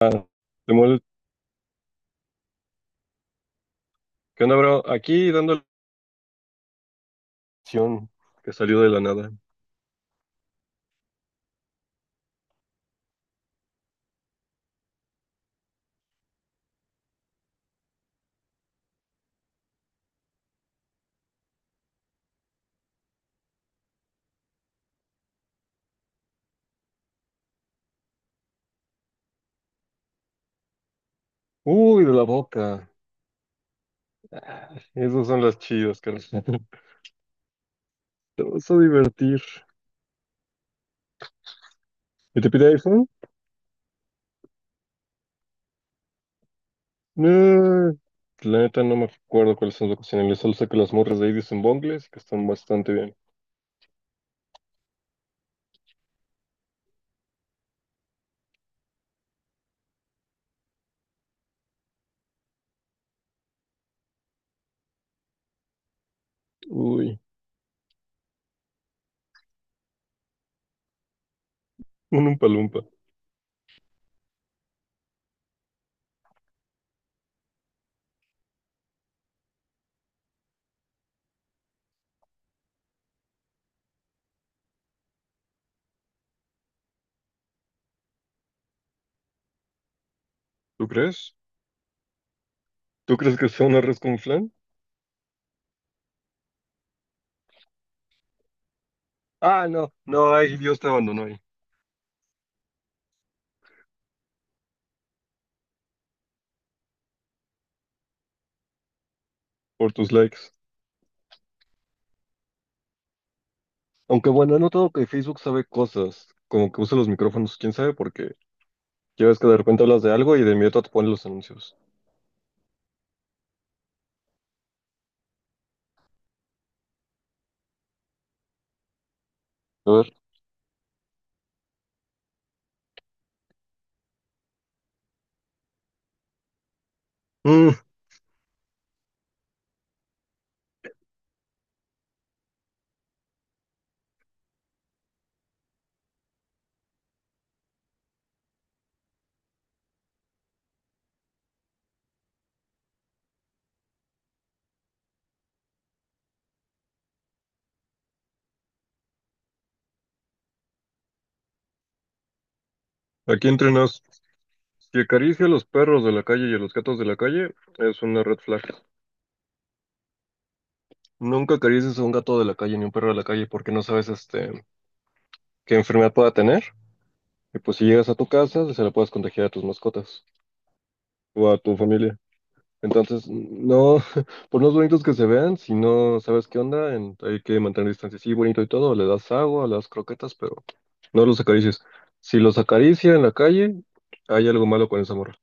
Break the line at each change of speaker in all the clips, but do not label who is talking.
Ah, Samuel, ¿qué onda, bro? Aquí dando la opción que salió de la nada. Uy, de la boca. Esas son las chidas, carajo. Te vas a divertir. ¿Y te pide iPhone? No. La neta no me recuerdo cuáles son las ocasiones. Solo sé que las morras de ahí dicen bongles y que están bastante bien. Uy, un umpalumpa. ¿Tú crees? ¿Tú crees que sea un arroz con flan? Ah, no. No, ay, Dios te abandonó ahí. Por tus likes. Aunque bueno, he notado que Facebook sabe cosas. Como que usa los micrófonos, quién sabe por qué. Ya ves que de repente hablas de algo y de inmediato te ponen los anuncios. A ver. Mm, aquí entrenas. Si acaricia a los perros de la calle y a los gatos de la calle, es una red flag. Nunca acaricies a un gato de la calle ni un perro de la calle porque no sabes qué enfermedad pueda tener. Y pues si llegas a tu casa, se la puedes contagiar a tus mascotas o a tu familia. Entonces, no, por más bonitos que se vean, si no sabes qué onda, hay que mantener distancia. Sí, bonito y todo, le das agua, le das croquetas, pero no los acaricies. Si los acaricia en la calle, hay algo malo con esa morra.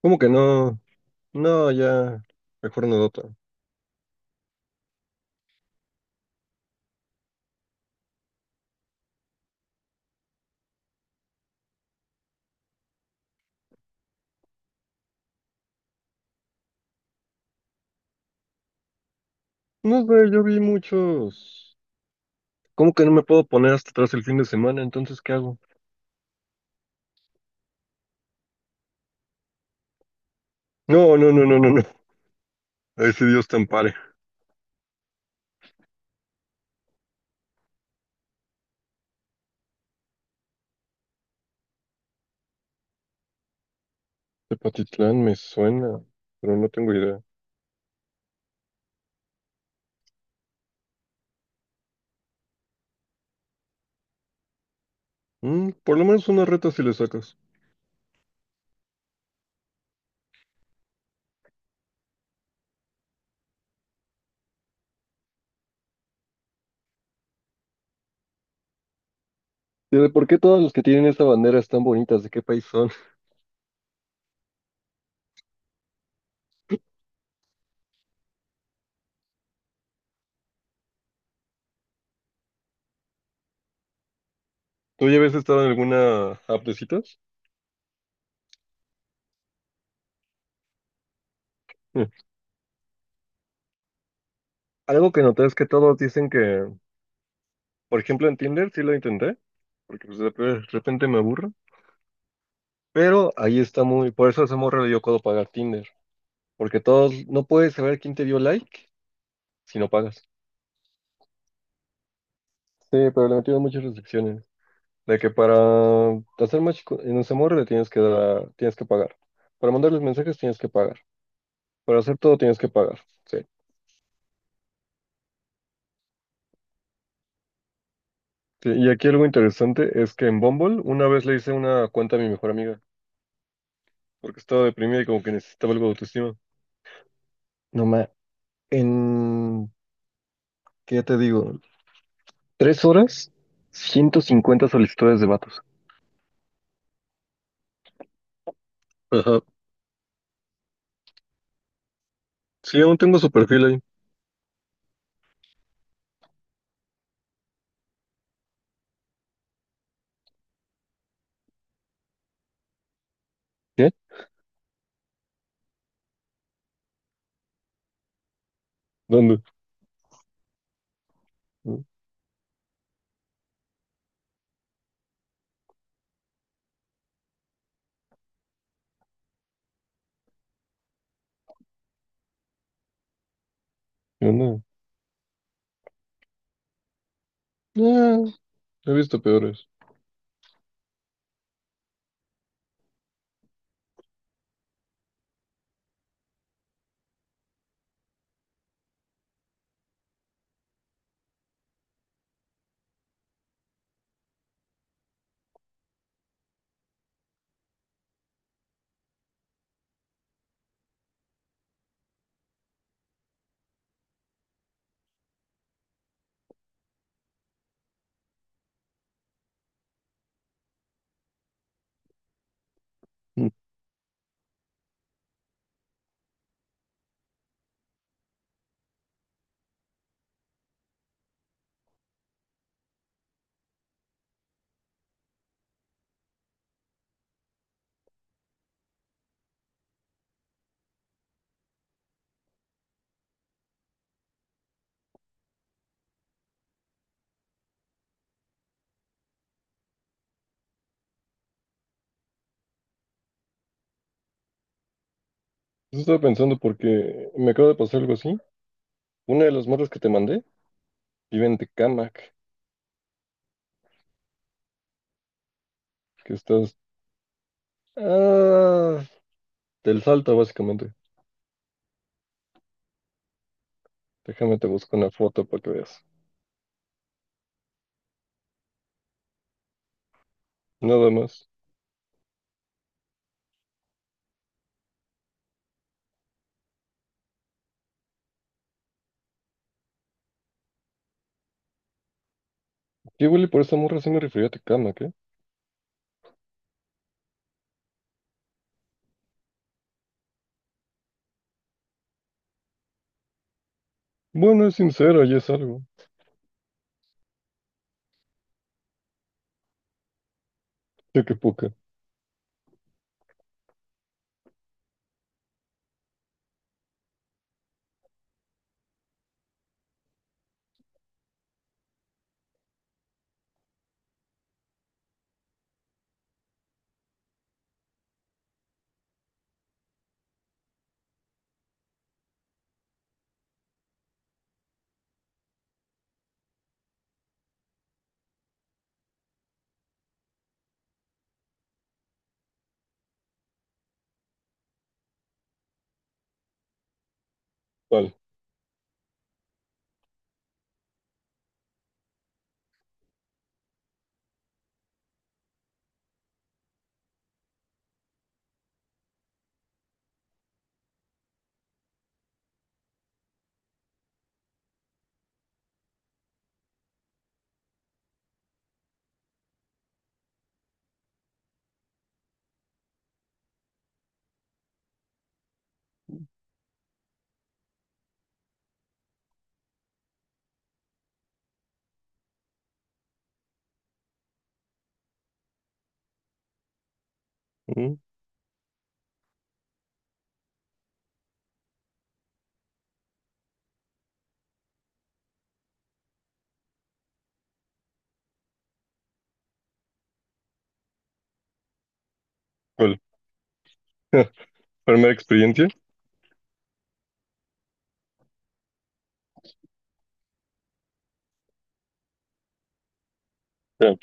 ¿Cómo que no? No, ya, mejor no dota. No sé, yo vi muchos. ¿Cómo que no me puedo poner hasta atrás el fin de semana? Entonces, ¿qué hago? No, no, no, no, no, no. A ese Dios te ampare. Tepatitlán me suena, pero no tengo idea. Mm, por lo menos una reta si le sacas. ¿Y por qué todas las que tienen esta bandera están bonitas? ¿De qué país son? ¿Tú ya habías estado en alguna app de citas? Mm. Algo que noté es que todos dicen que, por ejemplo, en Tinder sí lo intenté, porque pues, de repente me aburro, pero ahí está muy, por eso a esa morra le dio codo pagar Tinder, porque todos, no puedes saber quién te dio like si no pagas. Sí, pero le metieron muchas restricciones, de que para hacer en esa morra le tienes que dar, tienes que pagar, para mandarles mensajes tienes que pagar, para hacer todo tienes que pagar, sí. Sí, y aquí algo interesante es que en Bumble una vez le hice una cuenta a mi mejor amiga porque estaba deprimida y como que necesitaba algo de autoestima. No ma, en, ¿qué te digo? 3 horas, 150 solicitudes de vatos. Ajá. Sí, aún tengo su perfil ahí. ¿Qué? ¿Dónde? ¿Dónde? Ah, he visto peores. Mm. Eso estaba pensando porque me acaba de pasar algo así. Una de las morras que te mandé vive en Tecámac, que estás ah, del Salto, básicamente. Déjame te busco una foto para que veas. Nada más. Y Willy, por esa morra sí me refería a tu cama, ¿qué? Bueno, es sincera y es algo. Sí, qué poca. ¿Cuál? ¿Mm? ¿Cuál? ¿Primera experiencia? Eh,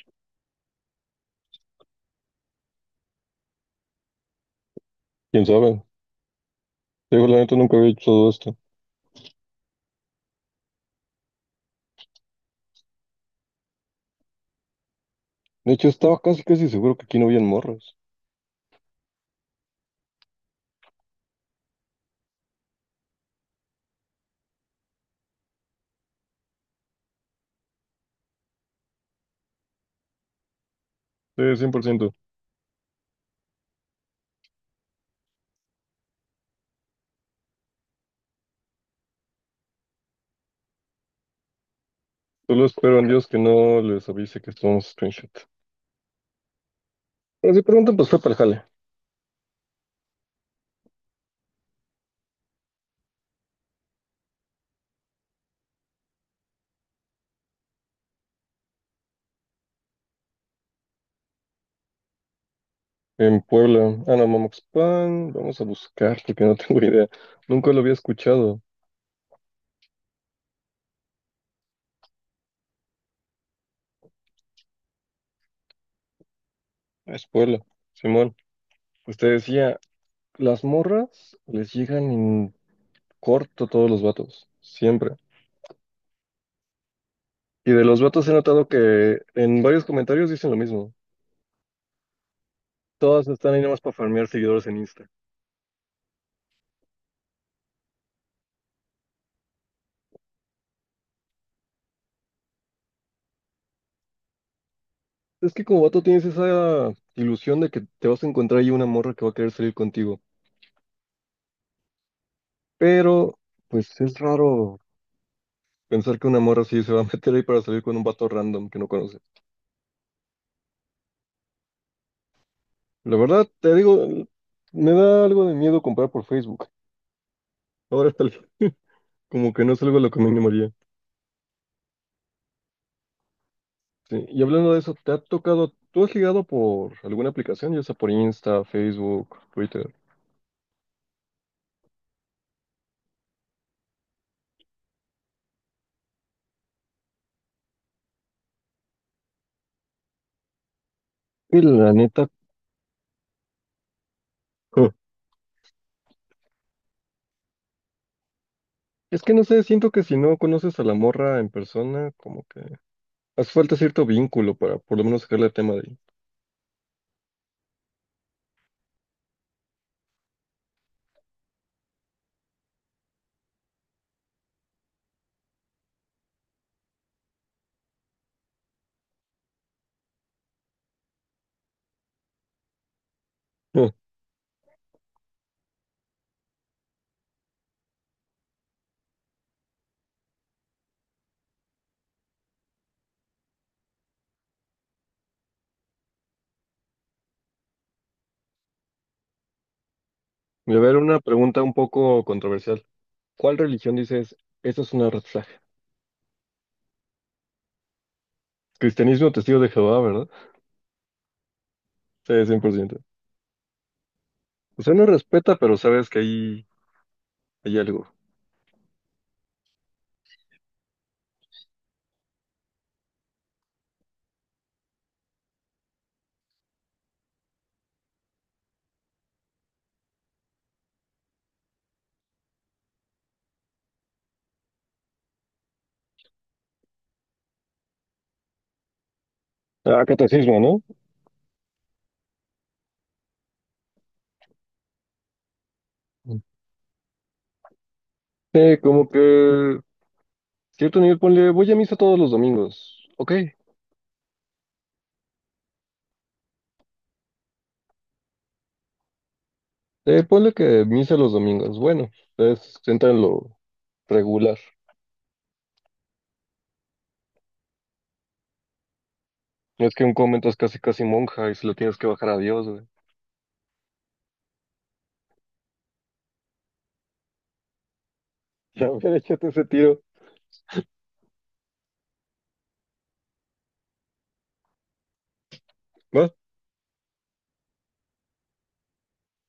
¿Quién sabe? Digo, la neta nunca había hecho todo esto. De hecho, estaba casi casi seguro que aquí no habían morras. Sí, 100%. Solo espero en Dios que no les avise que estamos screenshot. Pero si preguntan, pues fue para el jale. En Puebla. Ah, no, Mamoxpan. Vamos a buscar porque no tengo idea. Nunca lo había escuchado. Ah, es Puebla. Simón. Usted decía, las morras les llegan en corto todos los vatos, siempre. Y de los vatos he notado que en varios comentarios dicen lo mismo. Todas están ahí nomás para farmear seguidores en Insta. Es que como vato tienes esa ilusión de que te vas a encontrar ahí una morra que va a querer salir contigo. Pero, pues es raro pensar que una morra sí se va a meter ahí para salir con un vato random que no conoces. La verdad, te digo, me da algo de miedo comprar por Facebook. Ahora está como que no es algo a lo que me animaría. Sí, y hablando de eso, ¿te ha tocado, tú has ligado por alguna aplicación, ya sea por Insta, Facebook, Twitter? Y la neta, es que no sé, siento que si no conoces a la morra en persona, como que hace falta cierto vínculo para por lo menos sacarle el tema de ahí. Y a ver, una pregunta un poco controversial. ¿Cuál religión dices, esa es una red flag? Cristianismo, testigo de Jehová, ¿verdad? Sí, 100%. O sea, no respeta, pero sabes que ahí hay algo. Ah, catecismo, ¿no? Sí, como que cierto nivel, ponle, voy a misa todos los domingos. Ok, ponle que misa los domingos. Bueno, es, entra en lo regular. No es que un convento es casi casi monja y se lo tienes que bajar a Dios, güey. Ya hubiera echado ese tiro. Va.